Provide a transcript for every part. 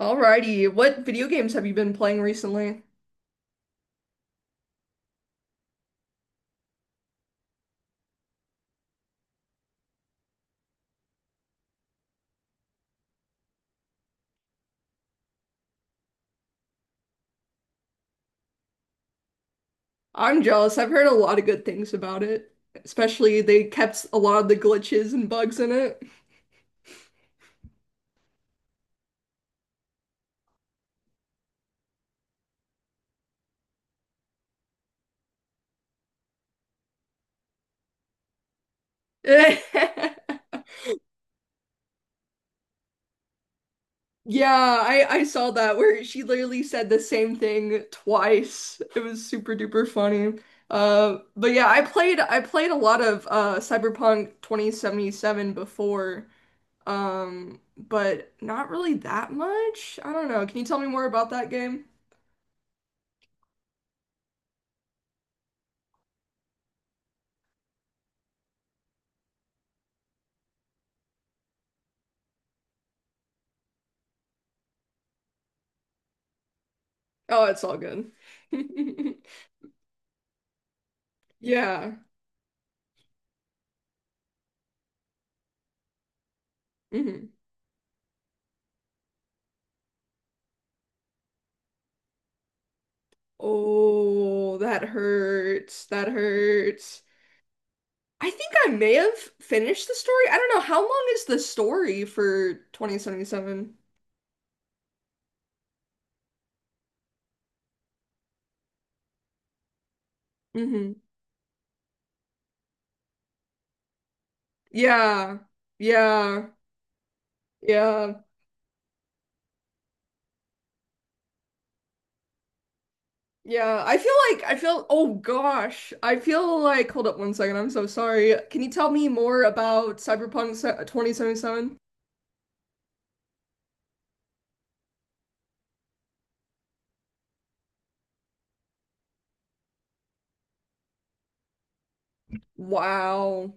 Alrighty, what video games have you been playing recently? I'm jealous. I've heard a lot of good things about it. Especially they kept a lot of the glitches and bugs in it. Yeah, I saw that where she literally said the same thing twice. It was super duper funny. But yeah, I played a lot of Cyberpunk 2077 before. But not really that much. I don't know. Can you tell me more about that game? Oh, it's all good. Yeah. hmm Oh, that hurts. That hurts. I think I may have finished the story. I don't know. How long is the story for 2077? Hmm. Yeah. Yeah. Yeah. Yeah. I feel oh gosh. I feel like hold up one second. I'm so sorry. Can you tell me more about 2077? Wow.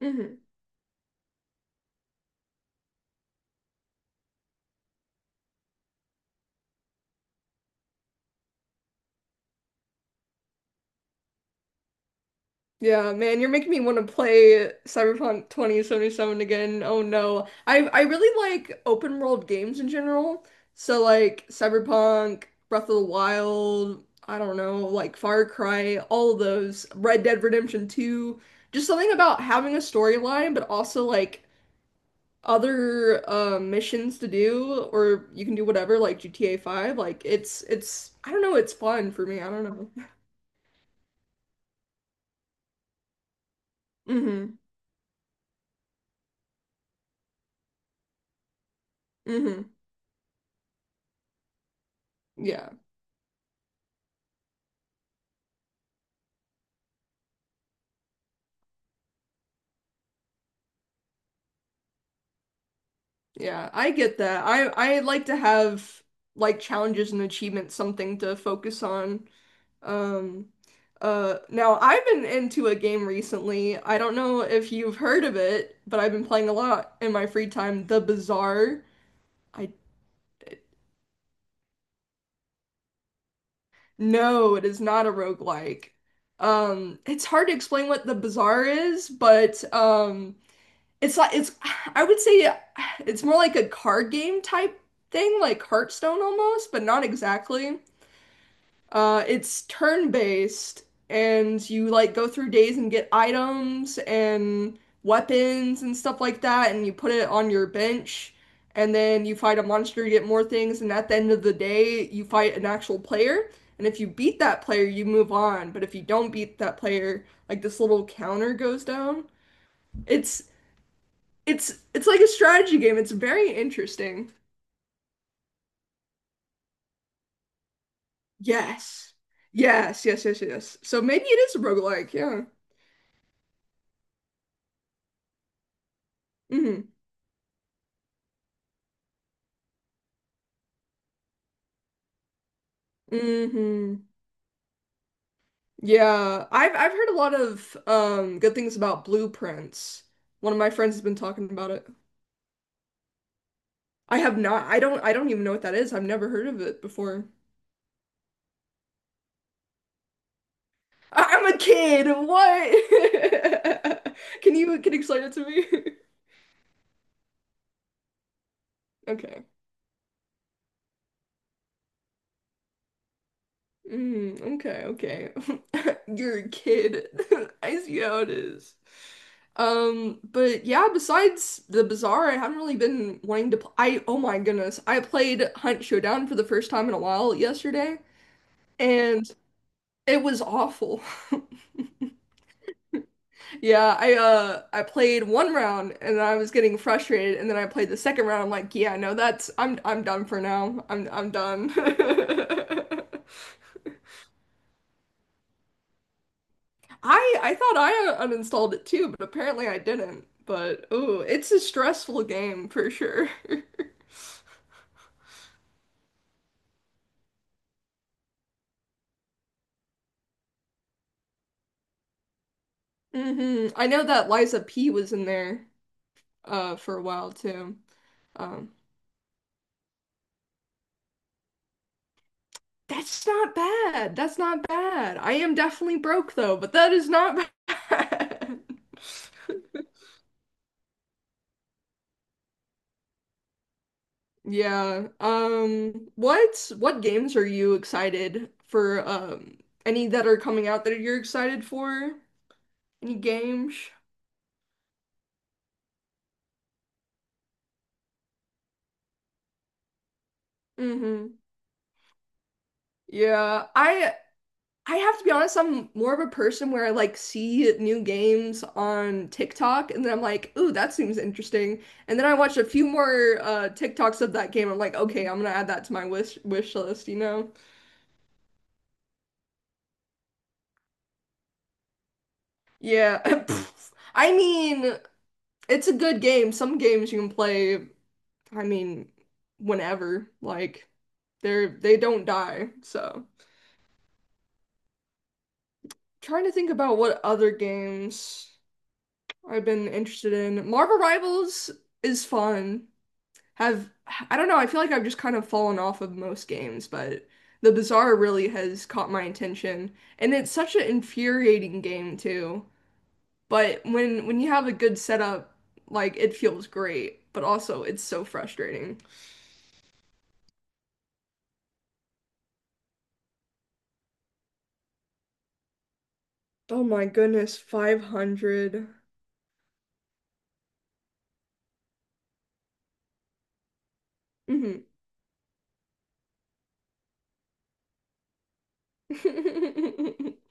Mhm. Yeah, man, you're making me want to play Cyberpunk 2077 again. Oh no. I really like open world games in general. So like Cyberpunk, Breath of the Wild, I don't know, like Far Cry, all of those, Red Dead Redemption 2. Just something about having a storyline, but also like other missions to do, or you can do whatever, like GTA 5. Like it's I don't know, it's fun for me. I don't know. Mm-hmm. Mm-hmm. Yeah. Yeah, I get that. I like to have like challenges and achievements, something to focus on. Um, now I've been into a game recently. I don't know if you've heard of it, but I've been playing a lot in my free time. The Bazaar. I No, it is not a roguelike. It's hard to explain what the Bazaar is, but it's like it's. I would say it's more like a card game type thing, like Hearthstone almost, but not exactly. It's turn-based, and you like go through days and get items and weapons and stuff like that, and you put it on your bench, and then you fight a monster, you get more things, and at the end of the day, you fight an actual player. And if you beat that player, you move on. But if you don't beat that player, like this little counter goes down. It's it's like a strategy game. It's very interesting. Yes. Yes, yes, yes, yes. So maybe it is a roguelike, yeah. Hmm. Hmm. Yeah, I've heard a lot of good things about blueprints. One of my friends has been talking about it. I have not. I don't even know what that is. I've never heard of it before. I'm a kid. What? Can you explain it to me? Okay. Mm, okay. Okay. You're a kid. I see how it is. But yeah, besides the Bazaar, I haven't really been wanting to pl I oh my goodness. I played Hunt Showdown for the first time in a while yesterday, and it was awful. Yeah, I played one round and then I was getting frustrated and then I played the second round. I'm like, yeah, no, that's I'm done for now. I'm done. I thought I uninstalled it too, but apparently I didn't. But oh, it's a stressful game for sure. Hmm. I know that Liza P was in there for a while too. Um, that's not bad. That's not bad. I am definitely broke though, but that is not bad. Yeah. Um, what games are you excited for, um, any that are coming out that you're excited for? Any games? Hmm. Yeah, I have to be honest, I'm more of a person where I like see new games on TikTok and then I'm like, ooh, that seems interesting. And then I watch a few more TikToks of that game. I'm like, okay, I'm gonna add that to my wish list, you know? Yeah. I mean, it's a good game. Some games you can play, I mean, whenever. Like they're they don't die. So trying to think about what other games I've been interested in. Marvel Rivals is fun. Have I don't know, I feel like I've just kind of fallen off of most games, but The Bazaar really has caught my attention. And it's such an infuriating game too. But when you have a good setup, like it feels great, but also it's so frustrating. Oh my goodness, 500. Mm-hmm.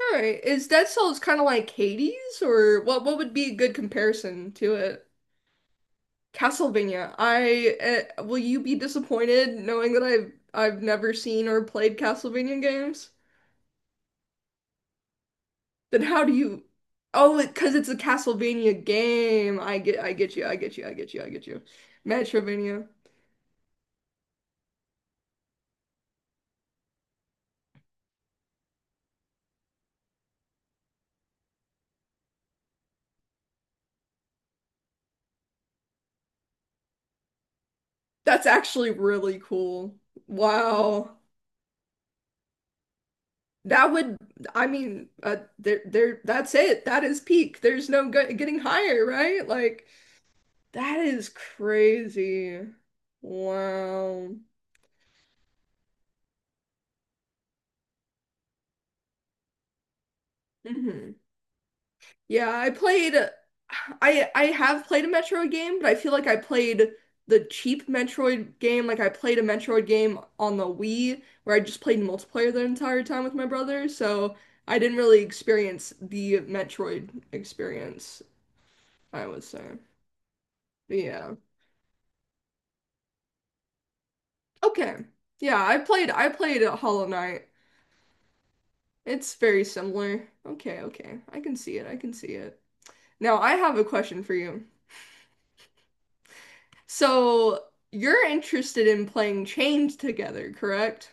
All right. Is Dead Cells kind of like Hades, or what would be a good comparison to Castlevania. I will you be disappointed knowing that I've never seen or played Castlevania games? Then how do you? Oh, it, because it's a Castlevania game. I get I get you. Metroidvania. That's actually really cool. Wow. That would, I mean, that's it. That is peak. There's no go getting higher, right? Like, that is crazy. Wow. Mhm. Yeah, I have played a Metroid game, but I feel like I played the cheap Metroid game. Like I played a Metroid game on the Wii where I just played multiplayer the entire time with my brother, so I didn't really experience the Metroid experience, I would say. But yeah. Okay. Yeah, I played Hollow Knight. It's very similar. Okay, okay. I can see it. Now, I have a question for you. So you're interested in playing Chained Together, correct?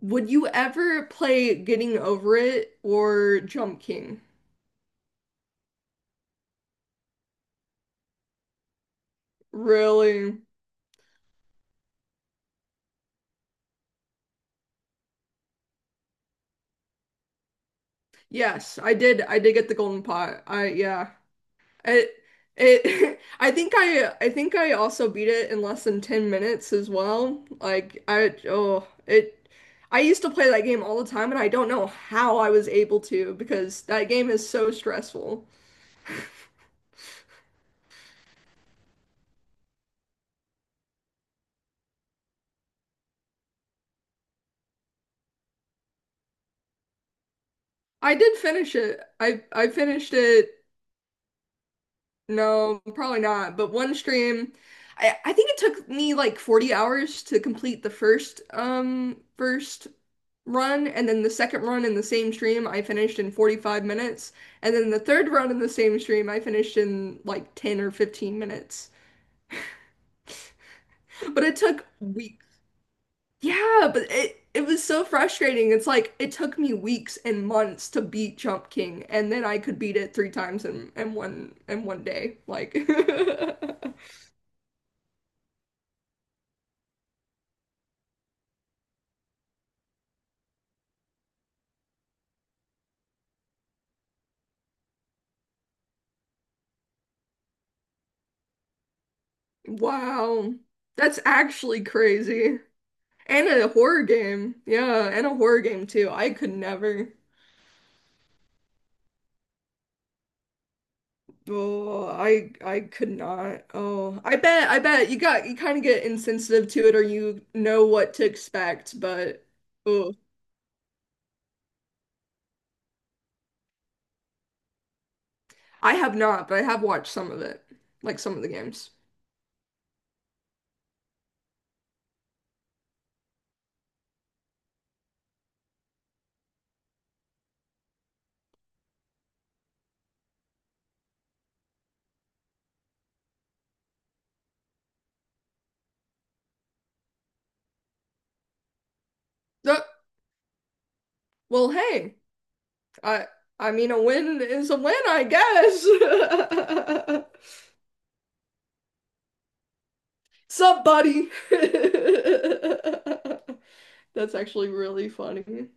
Would you ever play Getting Over It or Jump King? Really? Yes, I did. I did get the golden pot. I yeah. It it I think I also beat it in less than 10 minutes as well. Like I oh, it I used to play that game all the time and I don't know how I was able to because that game is so stressful. I did finish it. I finished it. No, probably not. But one stream, I think it took me like 40 hours to complete the first run, and then the second run in the same stream I finished in 45 minutes, and then the third run in the same stream I finished in like 10 or 15 minutes. But it took weeks. Yeah, but it was so frustrating. It's like it took me weeks and months to beat Jump King, and then I could beat it three times in in one day. Like Wow. That's actually crazy. And a horror game. Yeah, and a horror game too. I could never. Oh, I could not. Oh, I bet you got you kind of get insensitive to it or you know what to expect, but oh, I have not, but I have watched some of it, like some of the games. Uh, hey, I I mean a win is a win, I guess. Sup, buddy? That's actually really funny.